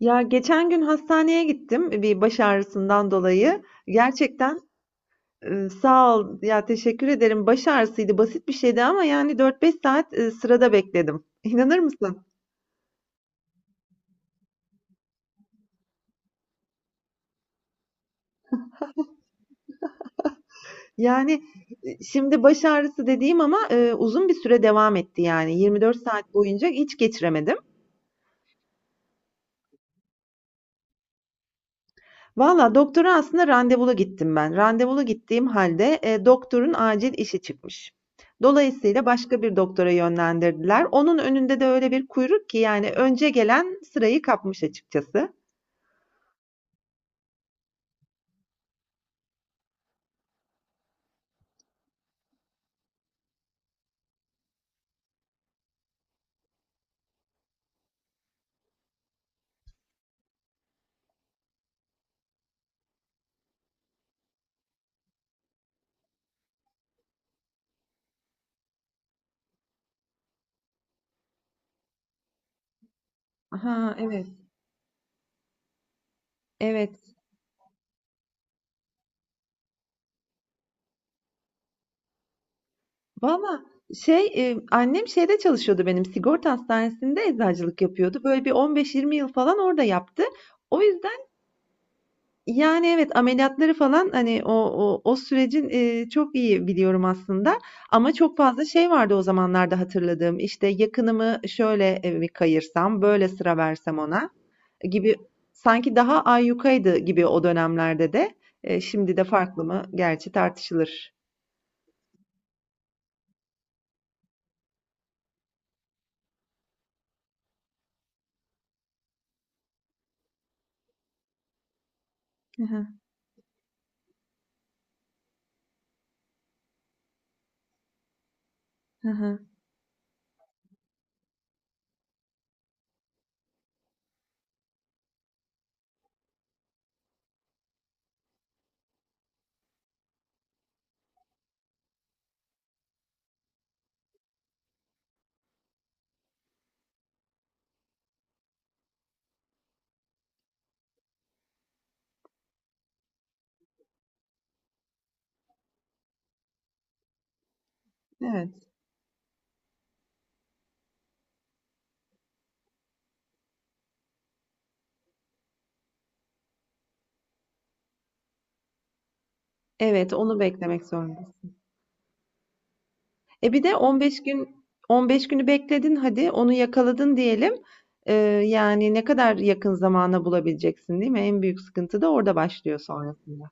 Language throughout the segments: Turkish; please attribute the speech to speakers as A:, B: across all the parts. A: Ya geçen gün hastaneye gittim bir baş ağrısından dolayı. Gerçekten sağ ol ya, teşekkür ederim. Baş ağrısıydı, basit bir şeydi ama yani 4-5 saat sırada bekledim. İnanır mısın? Yani şimdi baş ağrısı dediğim ama uzun bir süre devam etti, yani 24 saat boyunca hiç geçiremedim. Valla doktora aslında randevulu gittim ben. Randevulu gittiğim halde, doktorun acil işi çıkmış. Dolayısıyla başka bir doktora yönlendirdiler. Onun önünde de öyle bir kuyruk ki, yani önce gelen sırayı kapmış açıkçası. Ha, evet, evet. Valla şey, annem şeyde çalışıyordu benim, sigorta hastanesinde eczacılık yapıyordu. Böyle bir 15-20 yıl falan orada yaptı. O yüzden yani, evet, ameliyatları falan, hani, o sürecin, çok iyi biliyorum aslında ama çok fazla şey vardı o zamanlarda hatırladığım. İşte, yakınımı şöyle, bir kayırsam, böyle sıra versem ona gibi, sanki daha ayyukaydı gibi o dönemlerde de. Şimdi de farklı mı? Gerçi tartışılır. Hı hı. Hı hı. Evet. Evet, onu beklemek zorundasın. Bir de 15 günü bekledin hadi, onu yakaladın diyelim. Eee, Yani, ne kadar yakın zamana bulabileceksin, değil mi? En büyük sıkıntı da orada başlıyor sonrasında.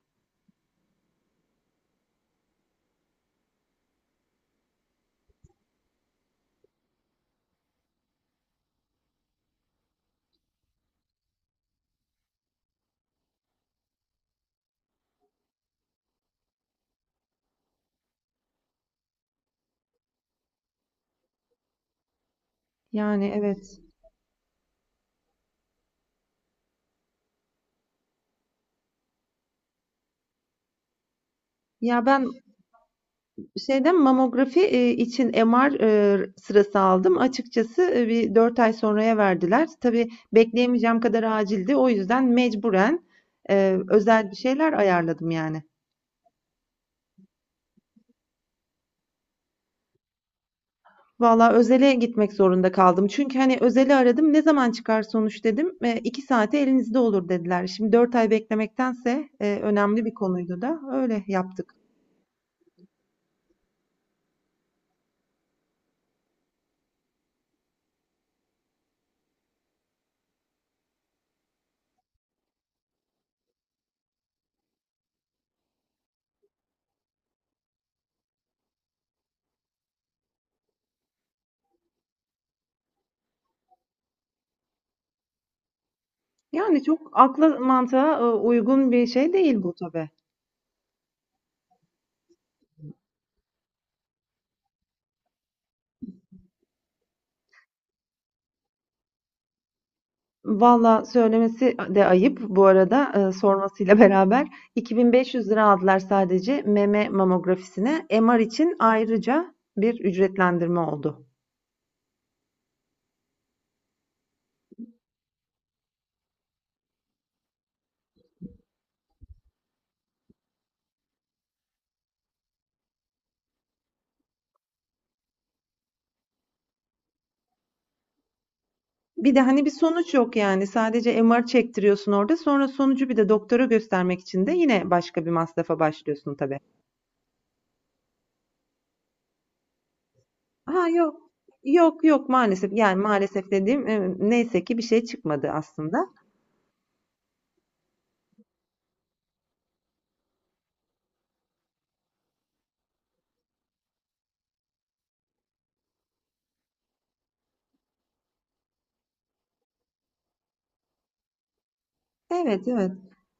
A: Yani evet. Ya ben şeyden mamografi için MR sırası aldım. Açıkçası bir 4 ay sonraya verdiler. Tabii bekleyemeyeceğim kadar acildi. O yüzden mecburen özel bir şeyler ayarladım yani. Valla özele gitmek zorunda kaldım. Çünkü, hani, özeli aradım, "Ne zaman çıkar sonuç?" dedim. "2 saate elinizde olur." dediler. Şimdi 4 ay beklemektense, önemli bir konuydu da öyle yaptık. Yani çok akla mantığa, uygun bir şey değil bu tabii. Valla söylemesi de ayıp bu arada, sormasıyla beraber 2.500 lira aldılar sadece meme mamografisine. MR için ayrıca bir ücretlendirme oldu. Bir de hani bir sonuç yok yani. Sadece MR çektiriyorsun orada. Sonra sonucu bir de doktora göstermek için de yine başka bir masrafa başlıyorsun tabii. Ha, yok. Yok, yok, maalesef. Yani maalesef dediğim, neyse ki bir şey çıkmadı aslında. Evet, evet.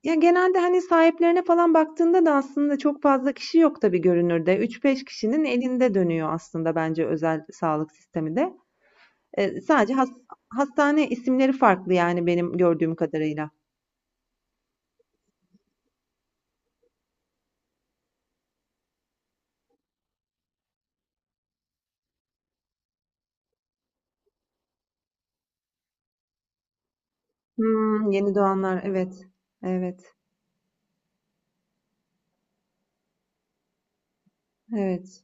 A: Ya genelde hani sahiplerine falan baktığında da aslında çok fazla kişi yok tabii görünürde. Üç beş kişinin elinde dönüyor aslında bence özel sağlık sistemi de. Sadece hastane isimleri farklı yani, benim gördüğüm kadarıyla. Hımm, yeni doğanlar. Evet. Evet. Evet.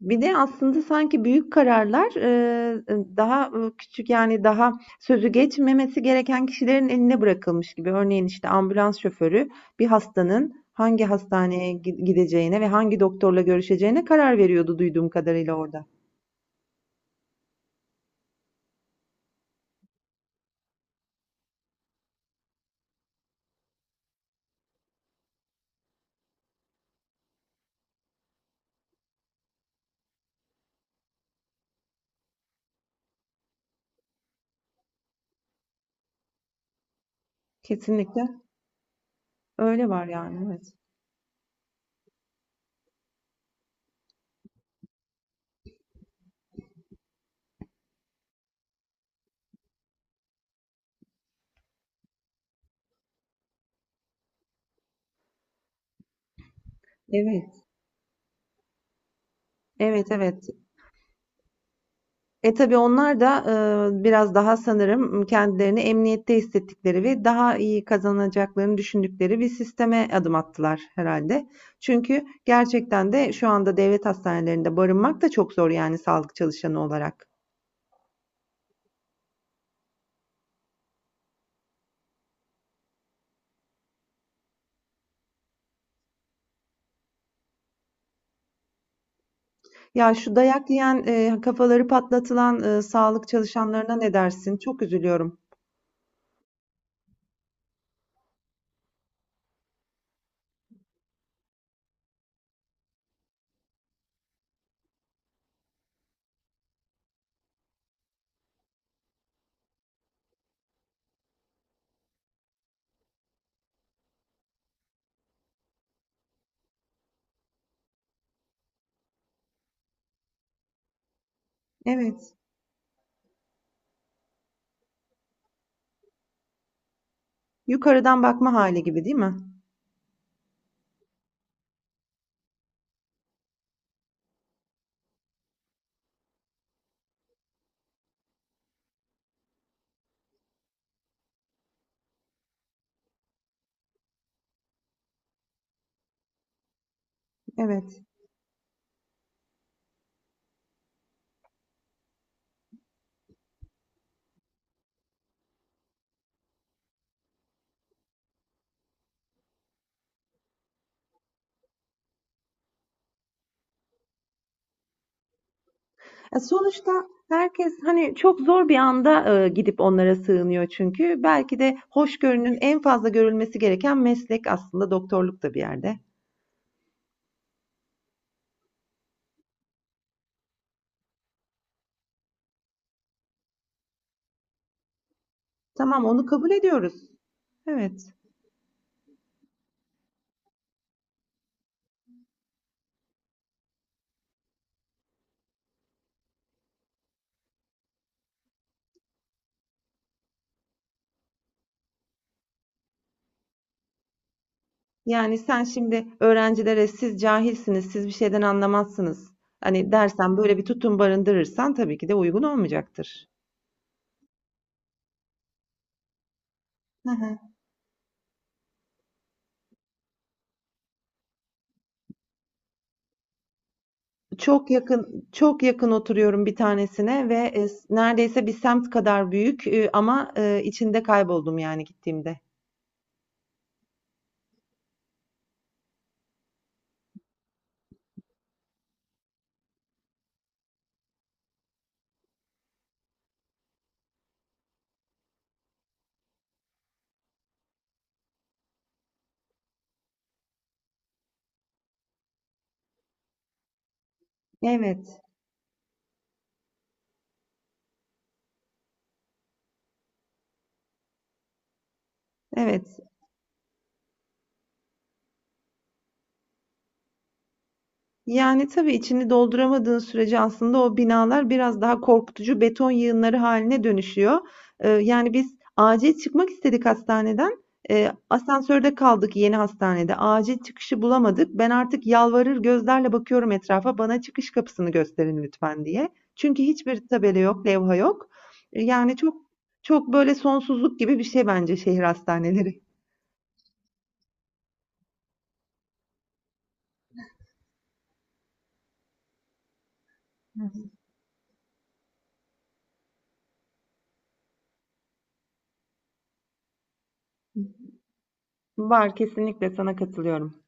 A: Bir de aslında sanki büyük kararlar, daha, küçük, yani, daha sözü geçmemesi gereken kişilerin eline bırakılmış gibi. Örneğin, işte, ambulans şoförü bir hastanın hangi hastaneye gideceğine ve hangi doktorla görüşeceğine karar veriyordu duyduğum kadarıyla orada. Kesinlikle öyle var, yani, evet. Evet, evet, evet. Tabii onlar da, biraz daha sanırım kendilerini emniyette hissettikleri ve daha iyi kazanacaklarını düşündükleri bir sisteme adım attılar herhalde. Çünkü gerçekten de şu anda devlet hastanelerinde barınmak da çok zor yani, sağlık çalışanı olarak. Ya, şu dayak yiyen, kafaları patlatılan, sağlık çalışanlarına ne dersin? Çok üzülüyorum. Evet, yukarıdan bakma hali gibi, değil mi? Evet. Sonuçta herkes hani çok zor bir anda, gidip onlara sığınıyor çünkü. Belki de hoşgörünün en fazla görülmesi gereken meslek aslında doktorluk da, bir yerde. Tamam, onu kabul ediyoruz. Evet. Yani sen şimdi öğrencilere "Siz cahilsiniz, siz bir şeyden anlamazsınız" hani dersen, böyle bir tutum barındırırsan tabii ki de uygun olmayacaktır. Çok yakın, çok yakın oturuyorum bir tanesine ve, s neredeyse bir semt kadar büyük, ama, içinde kayboldum yani gittiğimde. Evet, evet. Yani, tabii içini dolduramadığın sürece aslında o binalar biraz daha korkutucu beton yığınları haline dönüşüyor. Yani, biz acil çıkmak istedik hastaneden. Asansörde kaldık yeni hastanede. Acil çıkışı bulamadık. Ben artık yalvarır gözlerle bakıyorum etrafa, "Bana çıkış kapısını gösterin lütfen." diye. Çünkü hiçbir tabela yok, levha yok. Yani, çok, böyle, sonsuzluk gibi bir şey bence şehir hastaneleri. Var, kesinlikle sana katılıyorum.